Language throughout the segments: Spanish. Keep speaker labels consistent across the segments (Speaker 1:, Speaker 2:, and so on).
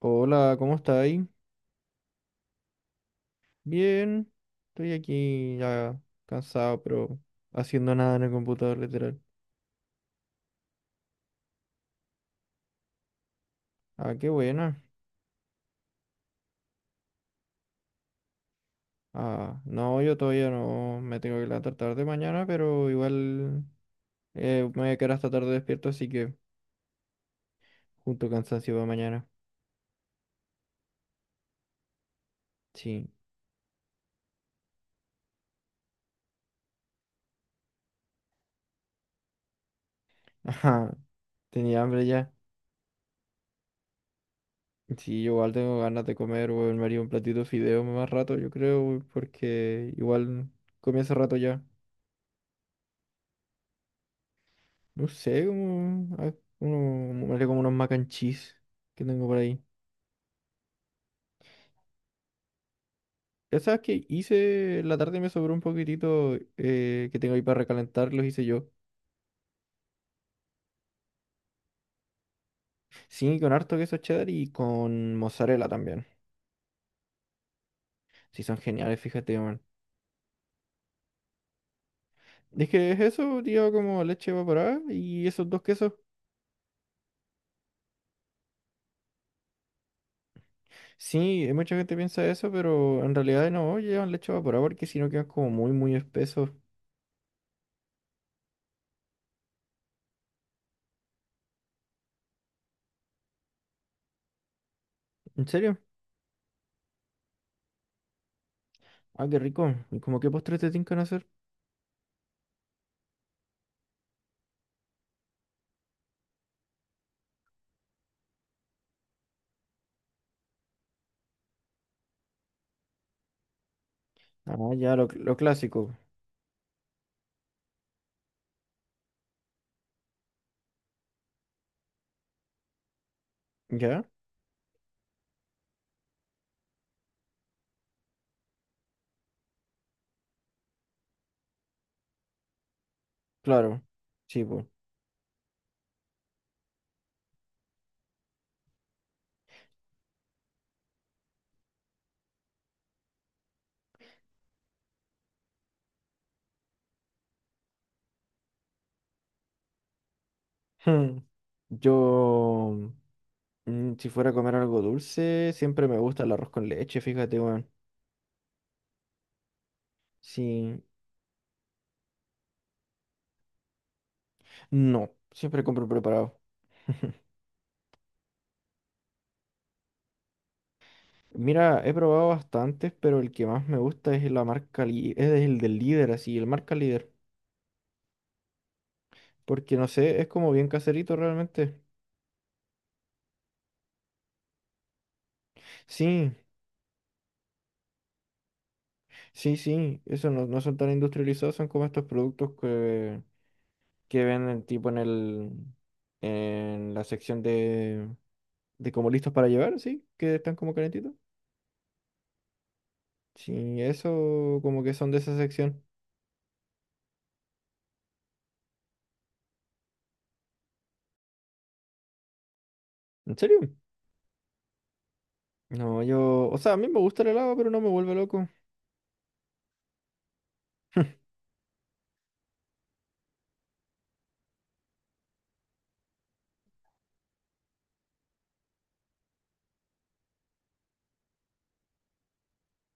Speaker 1: Hola, ¿cómo estáis? Bien, estoy aquí ya cansado, pero haciendo nada en el computador, literal. Ah, qué buena. Ah, no, yo todavía no me tengo que levantar tarde mañana, pero igual me voy a quedar hasta tarde despierto, así que junto cansancio para mañana. Sí. Ajá, tenía hambre ya. Sí, yo igual tengo ganas de comer, weón. Me haría un platito de fideo más rato, yo creo, weón, porque igual comí hace rato ya. No sé, como, me haré como unos mac and cheese que tengo por ahí. Ya sabes que hice, en la tarde me sobró un poquitito que tengo ahí para recalentar, los hice yo. Sí, con harto queso cheddar y con mozzarella también. Sí, son geniales, fíjate, man. Es que es eso, tío, como leche evaporada y esos dos quesos. Sí, mucha gente piensa eso, pero en realidad no llevan leche evaporada porque si no quedan como muy, muy espesos. ¿En serio? Ah, qué rico. ¿Y como qué postres te tincan hacer? Ah, ya, lo clásico. ¿Ya? Claro, sí, pues. Hmm. Yo, si fuera a comer algo dulce, siempre me gusta el arroz con leche, fíjate, weón. Sí, no, siempre compro preparado. Mira, he probado bastantes, pero el que más me gusta es la marca, es el del líder, así, el marca líder. Porque no sé, es como bien caserito realmente. Sí, sí, sí, eso no, no son tan industrializados, son como estos productos que venden tipo en el, en la sección de como listos para llevar, sí, que están como calentitos. Sí, eso como que son de esa sección. ¿En serio? No, o sea, a mí me gusta el helado, pero no me vuelve loco.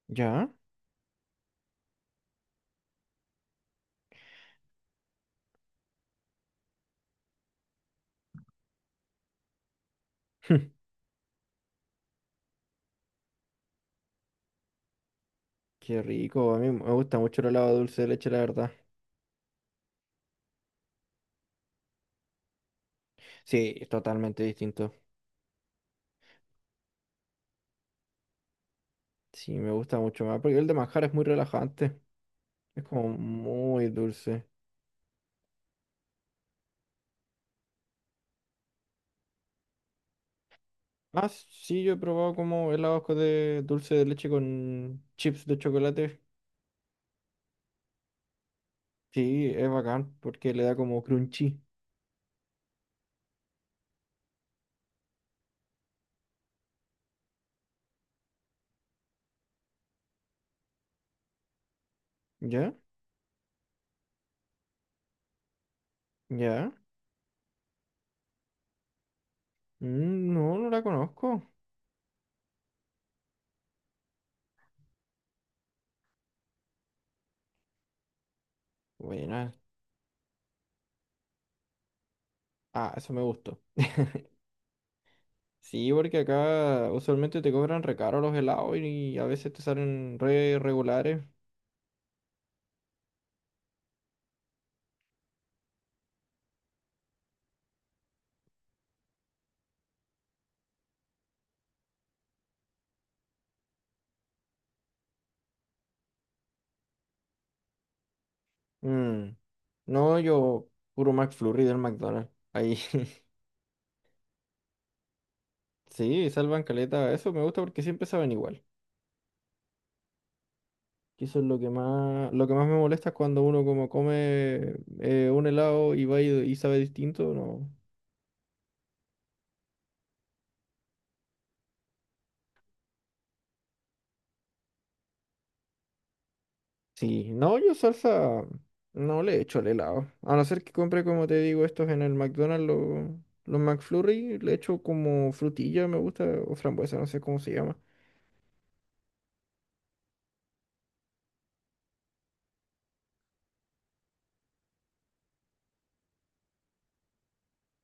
Speaker 1: ¿Ya? Qué rico, a mí me gusta mucho el helado de dulce de leche, la verdad. Sí, es totalmente distinto. Sí, me gusta mucho más, porque el de manjar es muy relajante. Es como muy dulce. Ah, sí, yo he probado como helados de dulce de leche con chips de chocolate. Sí, es bacán, porque le da como crunchy. ¿Ya? ¿Ya? Mm, no, no la conozco. Buena. Ah, eso me gustó. Sí, porque acá usualmente te cobran recaro los helados y a veces te salen re regulares. Mm, no, yo puro McFlurry del McDonald's. Ahí. Sí, salvan caleta. Eso me gusta porque siempre saben igual. Que eso es lo que más me molesta es cuando uno como come un helado y va y sabe distinto, no. Sí, no, yo salsa no le echo al helado. A no ser que compre, como te digo, estos en el McDonald's, los McFlurry, le echo como frutilla, me gusta, o frambuesa, no sé cómo se llama.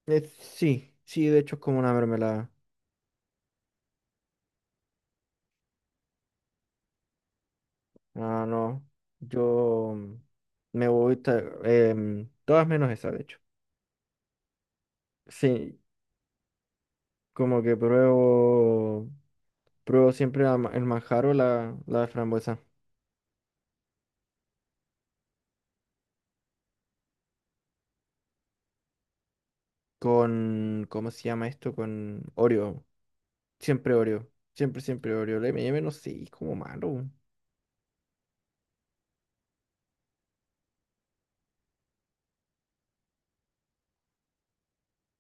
Speaker 1: Sí, sí, de hecho es como una mermelada. Ah, no, yo me gusta, todas menos esa, de hecho. Sí, como que pruebo siempre el manjar o la frambuesa. Con, ¿cómo se llama esto? Con Oreo. Siempre Oreo. Siempre, siempre Oreo. El M&M no sé, es como malo.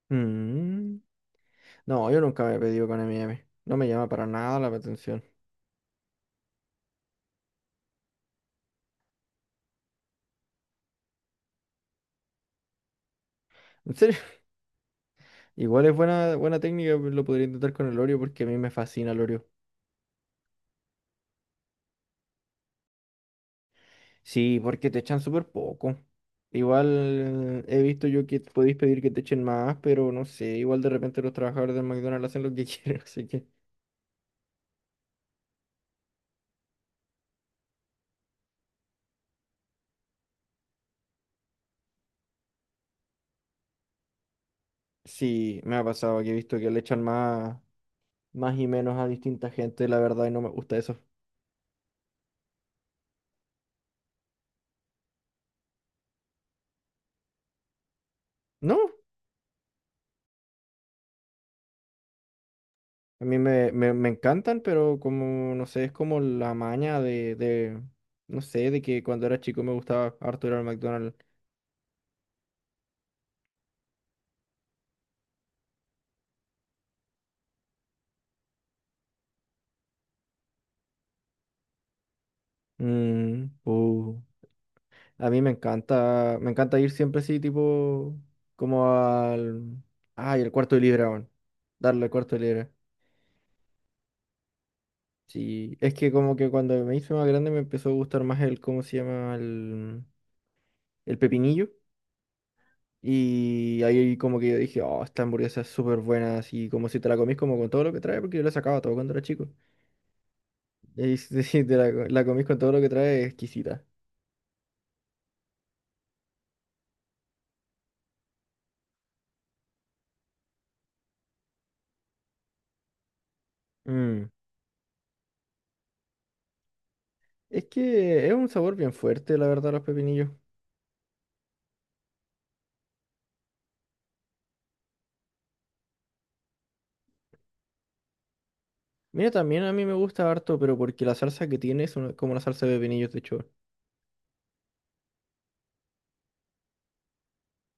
Speaker 1: Mm. No, yo nunca me he pedido con M&M. No me llama para nada la atención. En serio, igual es buena, buena técnica, pues, lo podría intentar con el Oreo porque a mí me fascina el Oreo. Sí, porque te echan súper poco. Igual he visto yo que podéis pedir que te echen más, pero no sé, igual de repente los trabajadores del McDonald's hacen lo que quieren, así que sí, me ha pasado que he visto que le echan más, más y menos a distinta gente, la verdad, y no me gusta eso. ¿No? A mí me encantan, pero como, no sé, es como la maña no sé, de que cuando era chico me gustaba harto ir al McDonald's. Mm. A mí me encanta ir siempre así, tipo, como ay, el cuarto de libra, weón. Darle el cuarto de libra. Sí, es que como que cuando me hice más grande me empezó a gustar más el, ¿cómo se llama? El pepinillo. Y ahí como que yo dije, oh, esta hamburguesa es súper buena, así como si te la comís como con todo lo que trae, porque yo la sacaba todo cuando era chico. Y si te la comís con todo lo que trae, es exquisita. Mm. Es que es un sabor bien fuerte, la verdad, los pepinillos. Mira, también a mí me gusta harto, pero porque la salsa que tiene es como una salsa de pepinillos de hecho.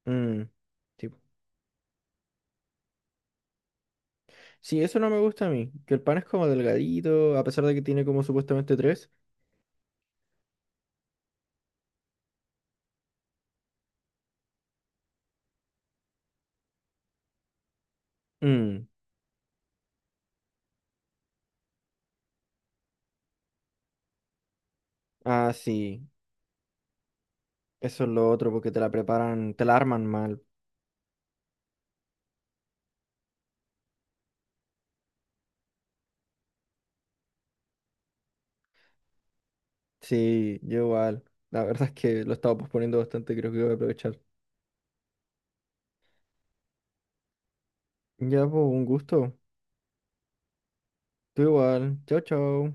Speaker 1: Mm. Sí. Sí, eso no me gusta a mí, que el pan es como delgadito, a pesar de que tiene como supuestamente tres. Mm. Ah, sí, eso es lo otro, porque te la preparan, te la arman mal. Sí, yo igual. La verdad es que lo estaba posponiendo bastante, creo que voy a aprovechar. Ya, pues, un gusto. Tú igual. Chao, chao.